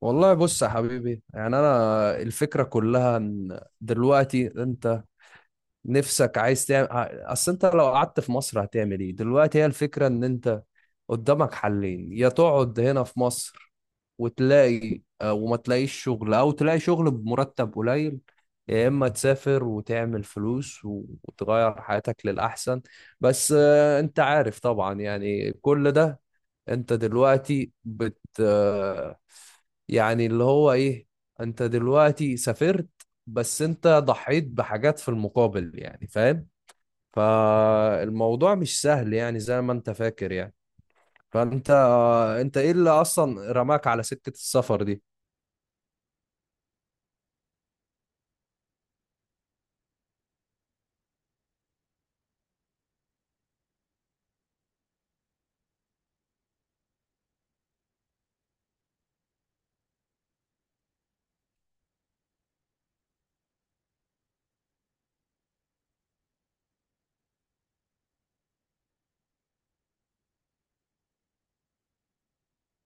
والله بص يا حبيبي، يعني انا الفكره كلها ان دلوقتي انت نفسك عايز تعمل. اصل انت لو قعدت في مصر هتعمل ايه دلوقتي؟ هي الفكره ان انت قدامك حلين: يا تقعد هنا في مصر وتلاقي وما تلاقيش شغل او تلاقي شغل بمرتب قليل، يا اما تسافر وتعمل فلوس وتغير حياتك للاحسن. بس انت عارف طبعا، يعني كل ده انت دلوقتي بت آه، يعني اللي هو ايه، انت دلوقتي سافرت، بس انت ضحيت بحاجات في المقابل، يعني فاهم. فالموضوع مش سهل يعني زي ما انت فاكر يعني. فانت انت ايه اللي اصلا رماك على سكة السفر دي؟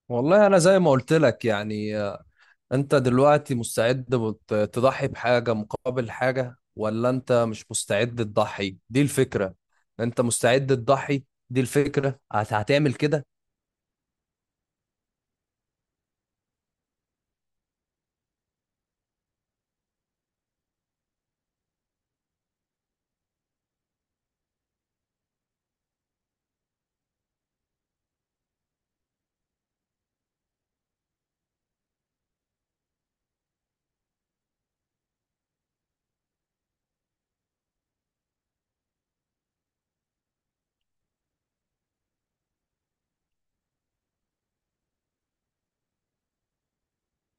والله انا زي ما قلت لك يعني، انت دلوقتي مستعد تضحي بحاجة مقابل حاجة، ولا انت مش مستعد تضحي؟ دي الفكرة. انت مستعد تضحي، دي الفكرة هتعمل كده.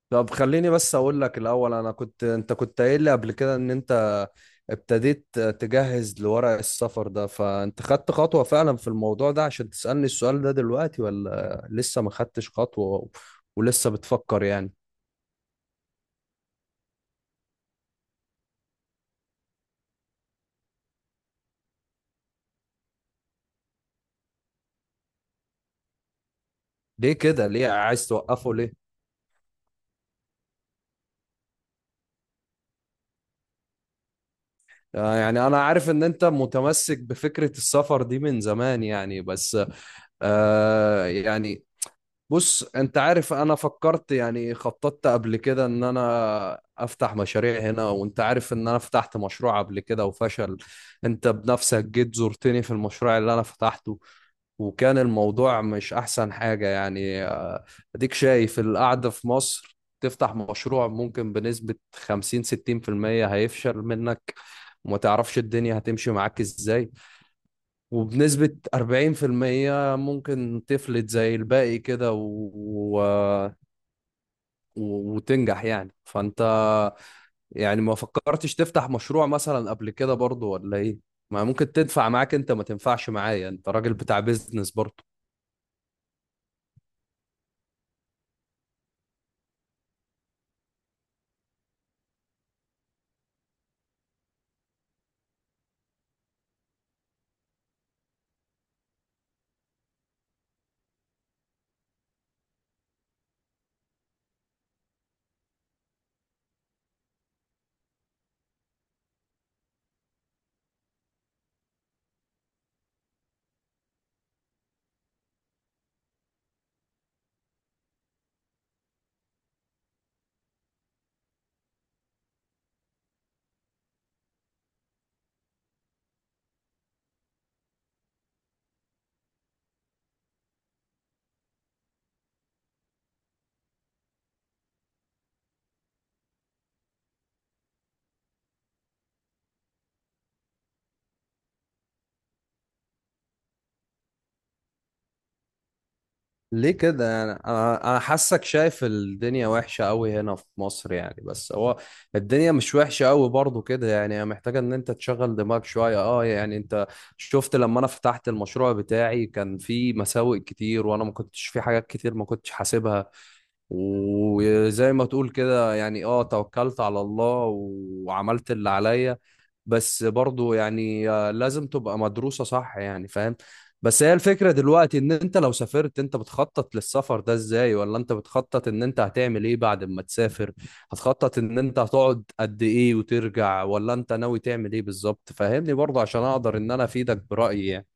طب خليني بس اقول لك الاول، انا كنت انت كنت قايل لي قبل كده ان انت ابتديت تجهز لورق السفر ده، فانت خدت خطوة فعلا في الموضوع ده عشان تسألني السؤال ده دلوقتي، ولا لسه ما خدتش خطوة ولسه بتفكر يعني؟ ليه كده؟ ليه عايز توقفه ليه؟ يعني أنا عارف إن أنت متمسك بفكرة السفر دي من زمان، يعني بس آه يعني بص انت عارف، انا فكرت، يعني خططت قبل كده ان انا افتح مشاريع هنا، وانت عارف ان انا فتحت مشروع قبل كده وفشل. انت بنفسك جيت زرتني في المشروع اللي انا فتحته، وكان الموضوع مش احسن حاجة يعني. اديك شايف القعدة في مصر، تفتح مشروع ممكن بنسبة 50 60% هيفشل منك وما تعرفش الدنيا هتمشي معاك ازاي، وبنسبة 40% ممكن تفلت زي الباقي كده و... وتنجح يعني. فأنت يعني ما فكرتش تفتح مشروع مثلا قبل كده برضو، ولا ايه؟ ما ممكن تنفع معاك، انت ما تنفعش معايا؟ انت راجل بتاع بيزنس برضو. ليه كده؟ انا انا أنا حاسك شايف الدنيا وحشه قوي هنا في مصر يعني، بس هو الدنيا مش وحشه قوي برضو كده يعني، هي محتاجه ان انت تشغل دماغك شويه اه يعني. انت شفت لما انا فتحت المشروع بتاعي، كان في مساوئ كتير وانا ما كنتش في حاجات كتير ما كنتش حاسبها، وزي ما تقول كده يعني اه توكلت على الله وعملت اللي عليا. بس برضو يعني لازم تبقى مدروسة صح، يعني فاهم. بس هي الفكرة دلوقتي، ان انت لو سافرت انت بتخطط للسفر ده ازاي؟ ولا انت بتخطط ان انت هتعمل ايه بعد ما تسافر؟ هتخطط ان انت هتقعد قد ايه وترجع؟ ولا انت ناوي تعمل ايه بالظبط؟ فاهمني برضو عشان اقدر ان انا افيدك برأيي يعني.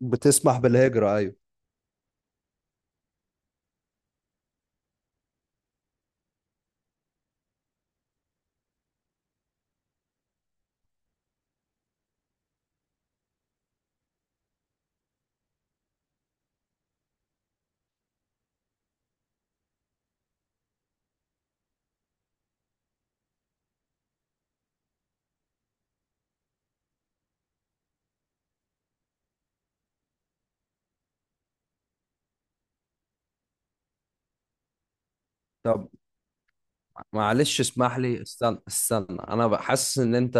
بتسمح بالهجرة، أيوة. طب معلش اسمح لي، استنى، انا بحس ان انت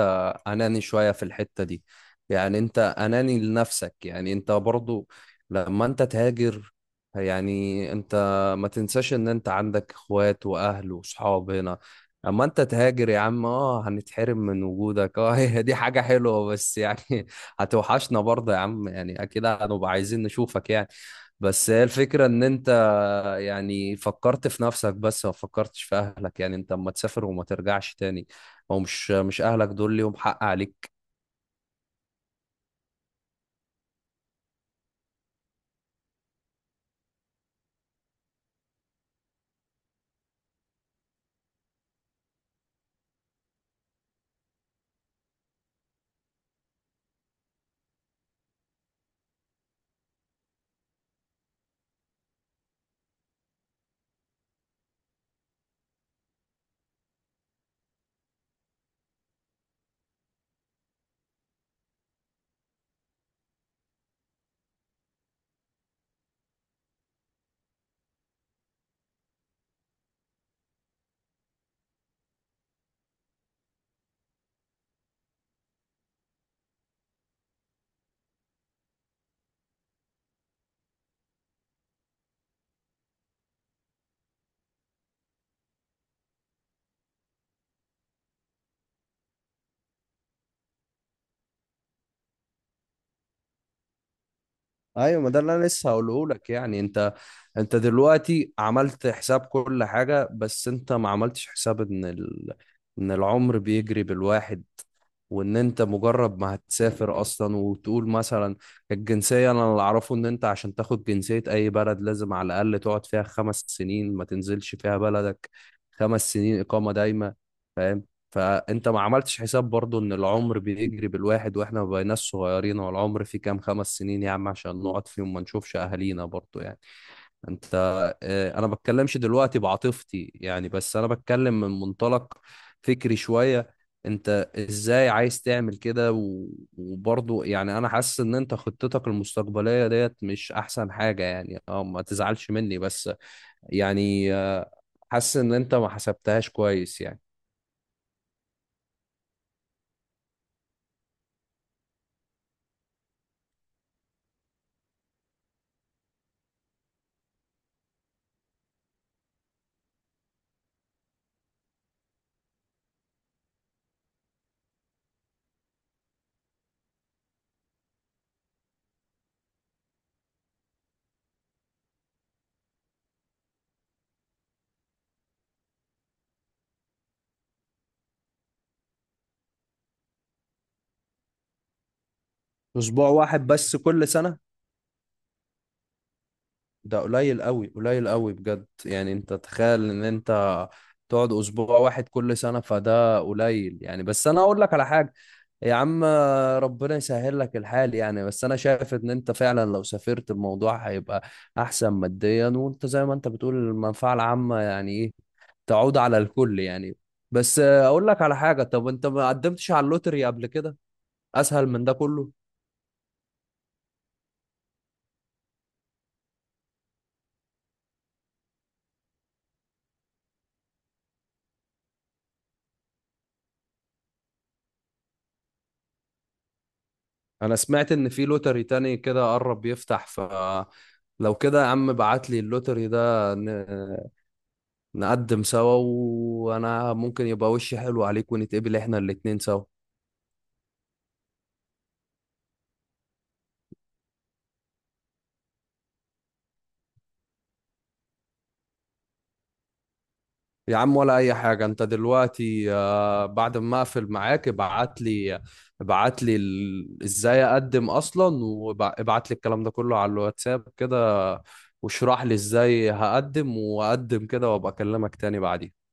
اناني شوية في الحتة دي، يعني انت اناني لنفسك يعني. انت برضو لما انت تهاجر، يعني انت ما تنساش ان انت عندك اخوات واهل وصحاب هنا. اما انت تهاجر يا عم، اه هنتحرم من وجودك اه هي دي حاجة حلوة بس يعني هتوحشنا برضه يا عم يعني، اكيد هنبقى عايزين نشوفك يعني. بس هي الفكرة ان انت يعني فكرت في نفسك، بس ما فكرتش في اهلك يعني. انت اما تسافر وما ترجعش تاني، هو مش اهلك دول ليهم حق عليك؟ ايوه، ما ده اللي انا لسه هقوله لك يعني. انت، انت دلوقتي عملت حساب كل حاجة، بس انت ما عملتش حساب ان ان العمر بيجري بالواحد، وان انت مجرد ما هتسافر اصلا وتقول مثلا الجنسية، انا اللي اعرفه ان انت عشان تاخد جنسية اي بلد لازم على الاقل تقعد فيها خمس سنين ما تنزلش فيها بلدك. خمس سنين اقامة دايمة، فاهم. فانت ما عملتش حساب برضو ان العمر بيجري بالواحد، واحنا ما بقيناش صغيرين، والعمر فيه كام خمس سنين يا عم عشان نقعد فيهم ما نشوفش اهالينا برضو يعني. انت، اه، انا بتكلمش دلوقتي بعاطفتي يعني، بس انا بتكلم من منطلق فكري شوية. انت ازاي عايز تعمل كده وبرضه يعني انا حاسس ان انت خطتك المستقبلية ديت مش احسن حاجة يعني، اه ما تزعلش مني بس، يعني حاسس ان انت ما حسبتهاش كويس يعني. اسبوع واحد بس كل سنة؟ ده قليل قوي، قليل قوي بجد يعني، انت تخيل ان انت تقعد اسبوع واحد كل سنة؟ فده قليل يعني. بس انا اقول لك على حاجة يا عم، ربنا يسهل لك الحال يعني، بس انا شايف ان انت فعلا لو سافرت الموضوع هيبقى احسن ماديا، وانت زي ما انت بتقول المنفعة العامة يعني ايه، تعود على الكل يعني. بس اقول لك على حاجة، طب انت ما قدمتش على اللوتري قبل كده؟ اسهل من ده كله. انا سمعت ان في لوتري تاني كده قرب يفتح، ف لو كده يا عم بعت لي اللوتري ده نقدم سوا، وانا ممكن يبقى وشي حلو عليك ونتقبل احنا الاتنين سوا. يا عم ولا اي حاجه، انت دلوقتي بعد ما اقفل معاك ابعت لي، ابعت لي ازاي اقدم اصلا، وابعت لي الكلام ده كله على الواتساب كده، واشرح لي ازاي هقدم واقدم كده، وابقى اكلمك تاني بعدين.